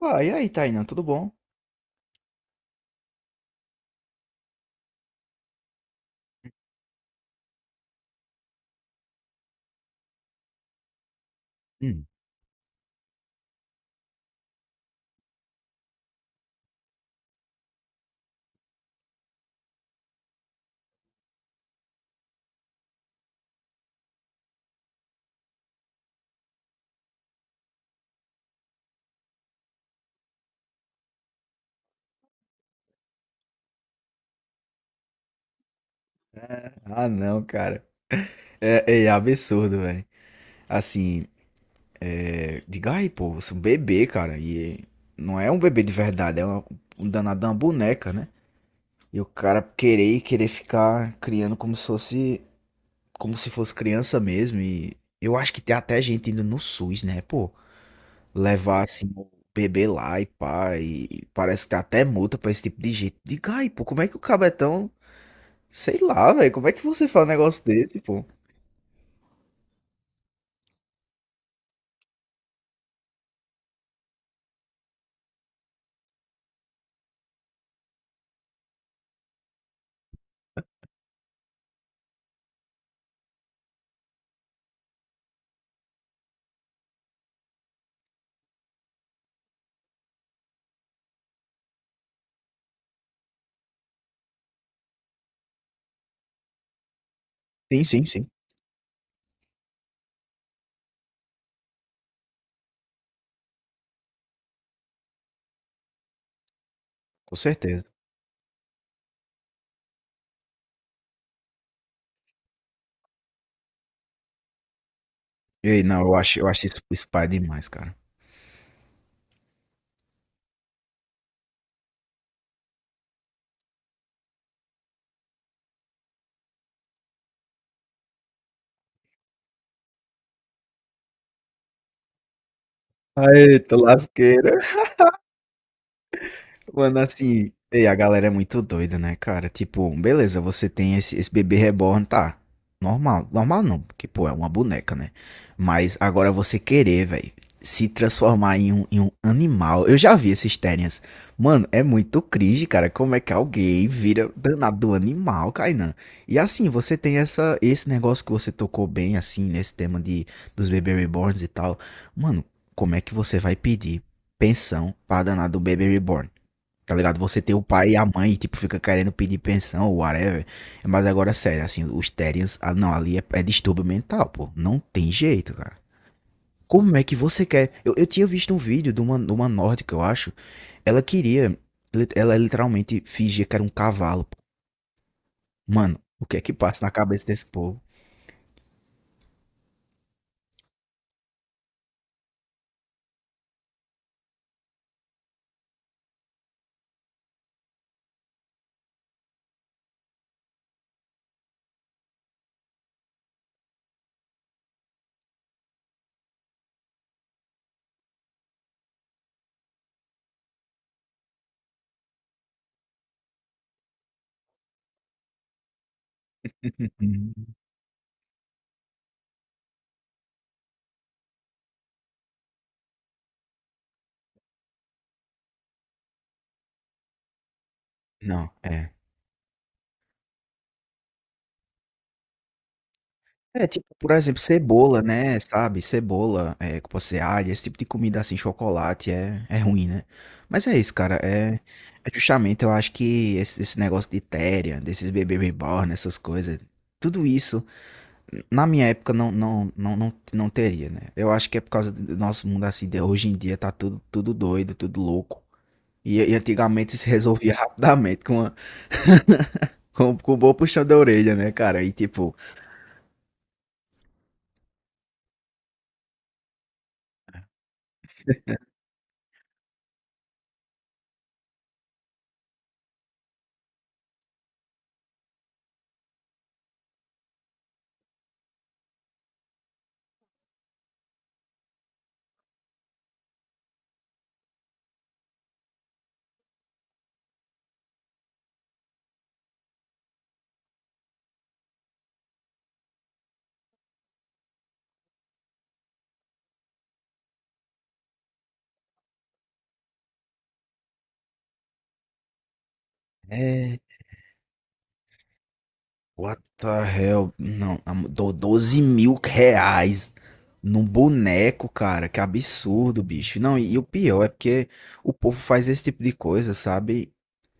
Pô, e aí, Tainan, tudo bom? Hum. Ah, não, cara. É absurdo, velho. Assim, diga aí, pô, você é um bebê, cara. E não é um bebê de verdade, um danado de uma boneca, né? E o cara querer e querer ficar criando como se fosse criança mesmo. E eu acho que tem até gente indo no SUS, né, pô? Levar assim o bebê lá e pá. E parece que tem até multa pra esse tipo de gente. Diga aí, pô, como é que o cabetão sei lá, velho, como é que você fala um negócio desse, pô? Sim, sim, sim. Com certeza. E aí, não, eu acho isso, isso pai demais, cara. Tô lasqueiro. Mano, assim, ei, a galera é muito doida, né, cara? Tipo, beleza, você tem esse bebê reborn, tá? Normal, normal não, porque, pô, é uma boneca, né? Mas agora você querer, velho, se transformar em em um animal. Eu já vi esses tênis. Mano, é muito cringe, cara. Como é que alguém vira danado animal, Kainan? E assim, você tem esse negócio que você tocou bem, assim, nesse tema de, dos bebê reborns e tal. Mano, como é que você vai pedir pensão pra danado bebê reborn? Tá ligado? Você tem o pai e a mãe, tipo, fica querendo pedir pensão ou whatever. Mas agora, sério, assim, os Terians. Não, ali é distúrbio mental, pô. Não tem jeito, cara. Como é que você quer? Eu tinha visto um vídeo de de uma nórdica, eu acho. Ela queria. Ela literalmente fingia que era um cavalo, pô. Mano, o que é que passa na cabeça desse povo? Não, é. É, tipo, por exemplo, cebola, né? Sabe? Cebola, é, que pode ser alho, esse tipo de comida assim, chocolate, é ruim, né? Mas é isso, cara. É, é justamente, eu acho que esse negócio de téria, desses bebê reborn, essas coisas, tudo isso, na minha época, não teria, né? Eu acho que é por causa do nosso mundo assim, de hoje em dia tá tudo, tudo doido, tudo louco. E antigamente se resolvia rapidamente com um bom puxão da orelha, né, cara? E tipo. É, what the hell? Não, na mo- dou 12 mil reais num boneco, cara. Que absurdo, bicho. Não, e o pior é porque o povo faz esse tipo de coisa, sabe?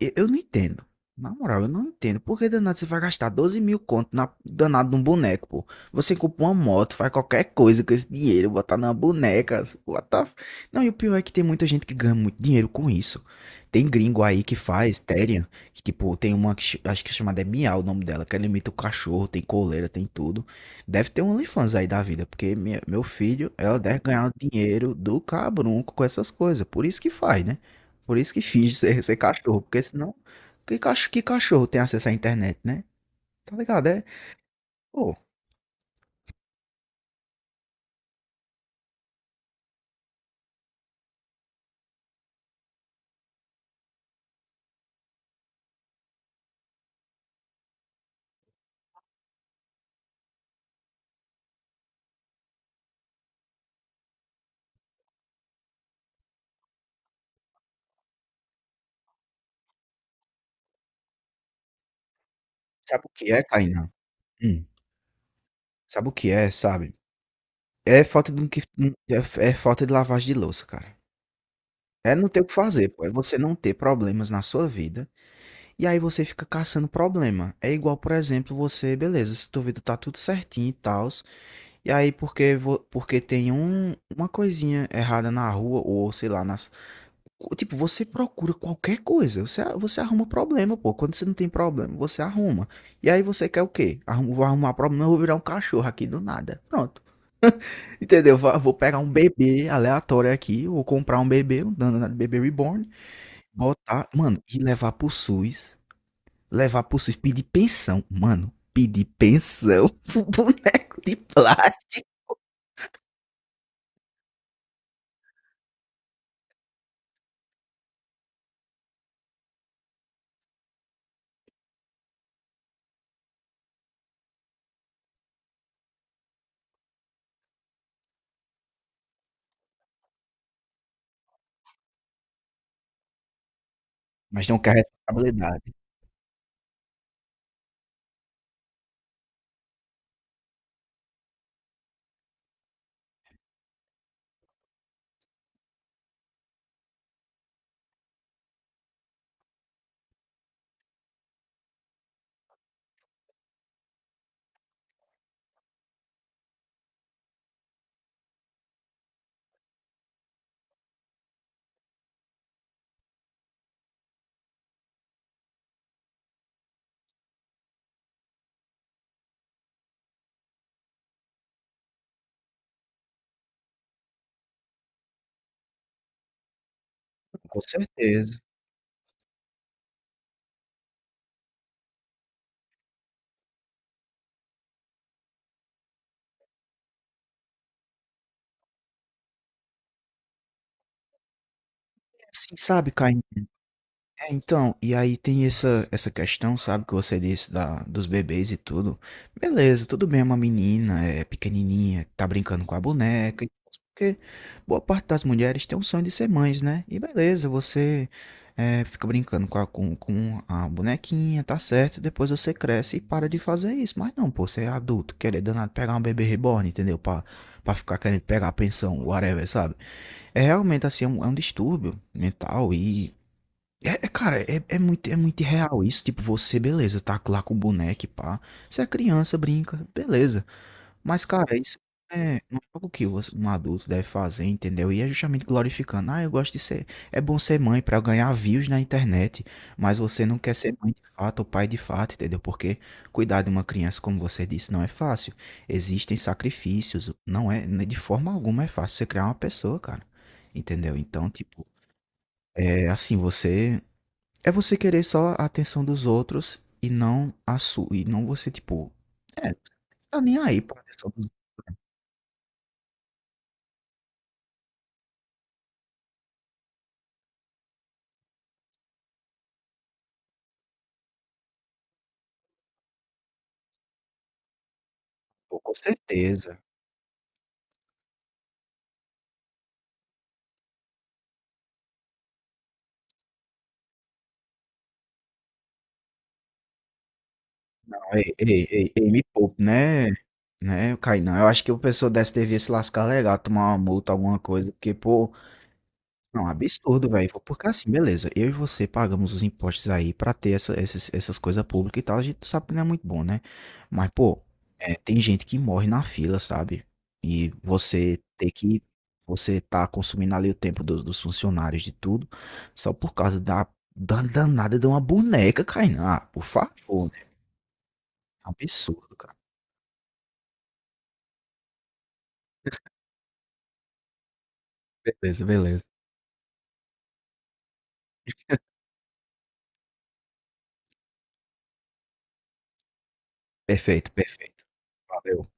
Eu não entendo. Na moral, eu não entendo. Por que danado você vai gastar 12 mil conto na danado num boneco, pô? Você compra uma moto, faz qualquer coisa com esse dinheiro, botar numa boneca. What the... f- Não, e o pior é que tem muita gente que ganha muito dinheiro com isso. Tem gringo aí que faz, Terian. Que, tipo, tem uma que acho que é chamada é Miau o nome dela, que ela imita o cachorro, tem coleira, tem tudo. Deve ter um OnlyFans aí da vida, porque meu filho, ela deve ganhar o dinheiro do cabrunco com essas coisas. Por isso que faz, né? Por isso que finge ser cachorro, porque senão. Que, que cachorro tem acesso à internet, né? Tá ligado? É. Pô, sabe o que é, Kainan? Hum, sabe o que é, sabe? É falta de, é, é falta de lavagem de louça, cara. É não ter o que fazer, pô. É você não ter problemas na sua vida. E aí você fica caçando problema. É igual, por exemplo, você, beleza, se tua vida tá tudo certinho e tal, e aí porque, porque tem um, uma coisinha errada na rua, ou sei lá, nas. Tipo, você procura qualquer coisa, você arruma problema, pô. Quando você não tem problema, você arruma. E aí você quer o quê? Arrum, vou arrumar problema, eu vou virar um cachorro aqui do nada. Pronto. Entendeu? Vou pegar um bebê aleatório aqui, vou comprar um bebê, um danado de bebê reborn, botar, mano, e levar pro SUS, levar pro SUS, pedir pensão. Mano, pedir pensão pro boneco de plástico. Mas não quer responsabilidade. Com certeza. Assim, sabe, Caim? É, então, e aí tem essa questão, sabe, que você disse da, dos bebês e tudo. Beleza, tudo bem, é uma menina, é pequenininha, tá brincando com a boneca, porque boa parte das mulheres tem o sonho de ser mães, né? E beleza, você é, fica brincando com com a bonequinha, tá certo, depois você cresce e para de fazer isso. Mas não, pô, você é adulto, querer danado pegar um bebê reborn, entendeu? Pra ficar querendo pegar a pensão, whatever, sabe? É realmente assim, é um distúrbio mental e é muito real isso. Tipo, você, beleza, tá lá com o boneco, e pá. Você é criança, brinca, beleza. Mas, cara, isso é, não é algo que um adulto deve fazer, entendeu? E é justamente glorificando. Ah, eu gosto de ser. É bom ser mãe pra ganhar views na internet. Mas você não quer ser mãe de fato ou pai de fato, entendeu? Porque cuidar de uma criança, como você disse, não é fácil. Existem sacrifícios. Não é, né, de forma alguma é fácil você criar uma pessoa, cara. Entendeu? Então, tipo, é assim, você. É você querer só a atenção dos outros e não a sua e não você, tipo é, tá nem aí pra atenção dos outros. Pô, com certeza. Não, ei, ei, ei, ei, me poupe, né, Kainan. Eu acho que o pessoal dessa devia se lascar legal, tomar uma multa, alguma coisa, porque, pô. Não, absurdo, velho. Porque assim, beleza, eu e você pagamos os impostos aí pra ter essas coisas públicas e tal, a gente sabe que não é muito bom, né? Mas, pô, é, tem gente que morre na fila, sabe? E você ter que. Você tá consumindo ali o tempo dos funcionários de tudo, só por causa da, da danada de uma boneca, Kainá. Ah, por favor, né? Absurdo, cara. Beleza, beleza. Perfeito, perfeito. Valeu.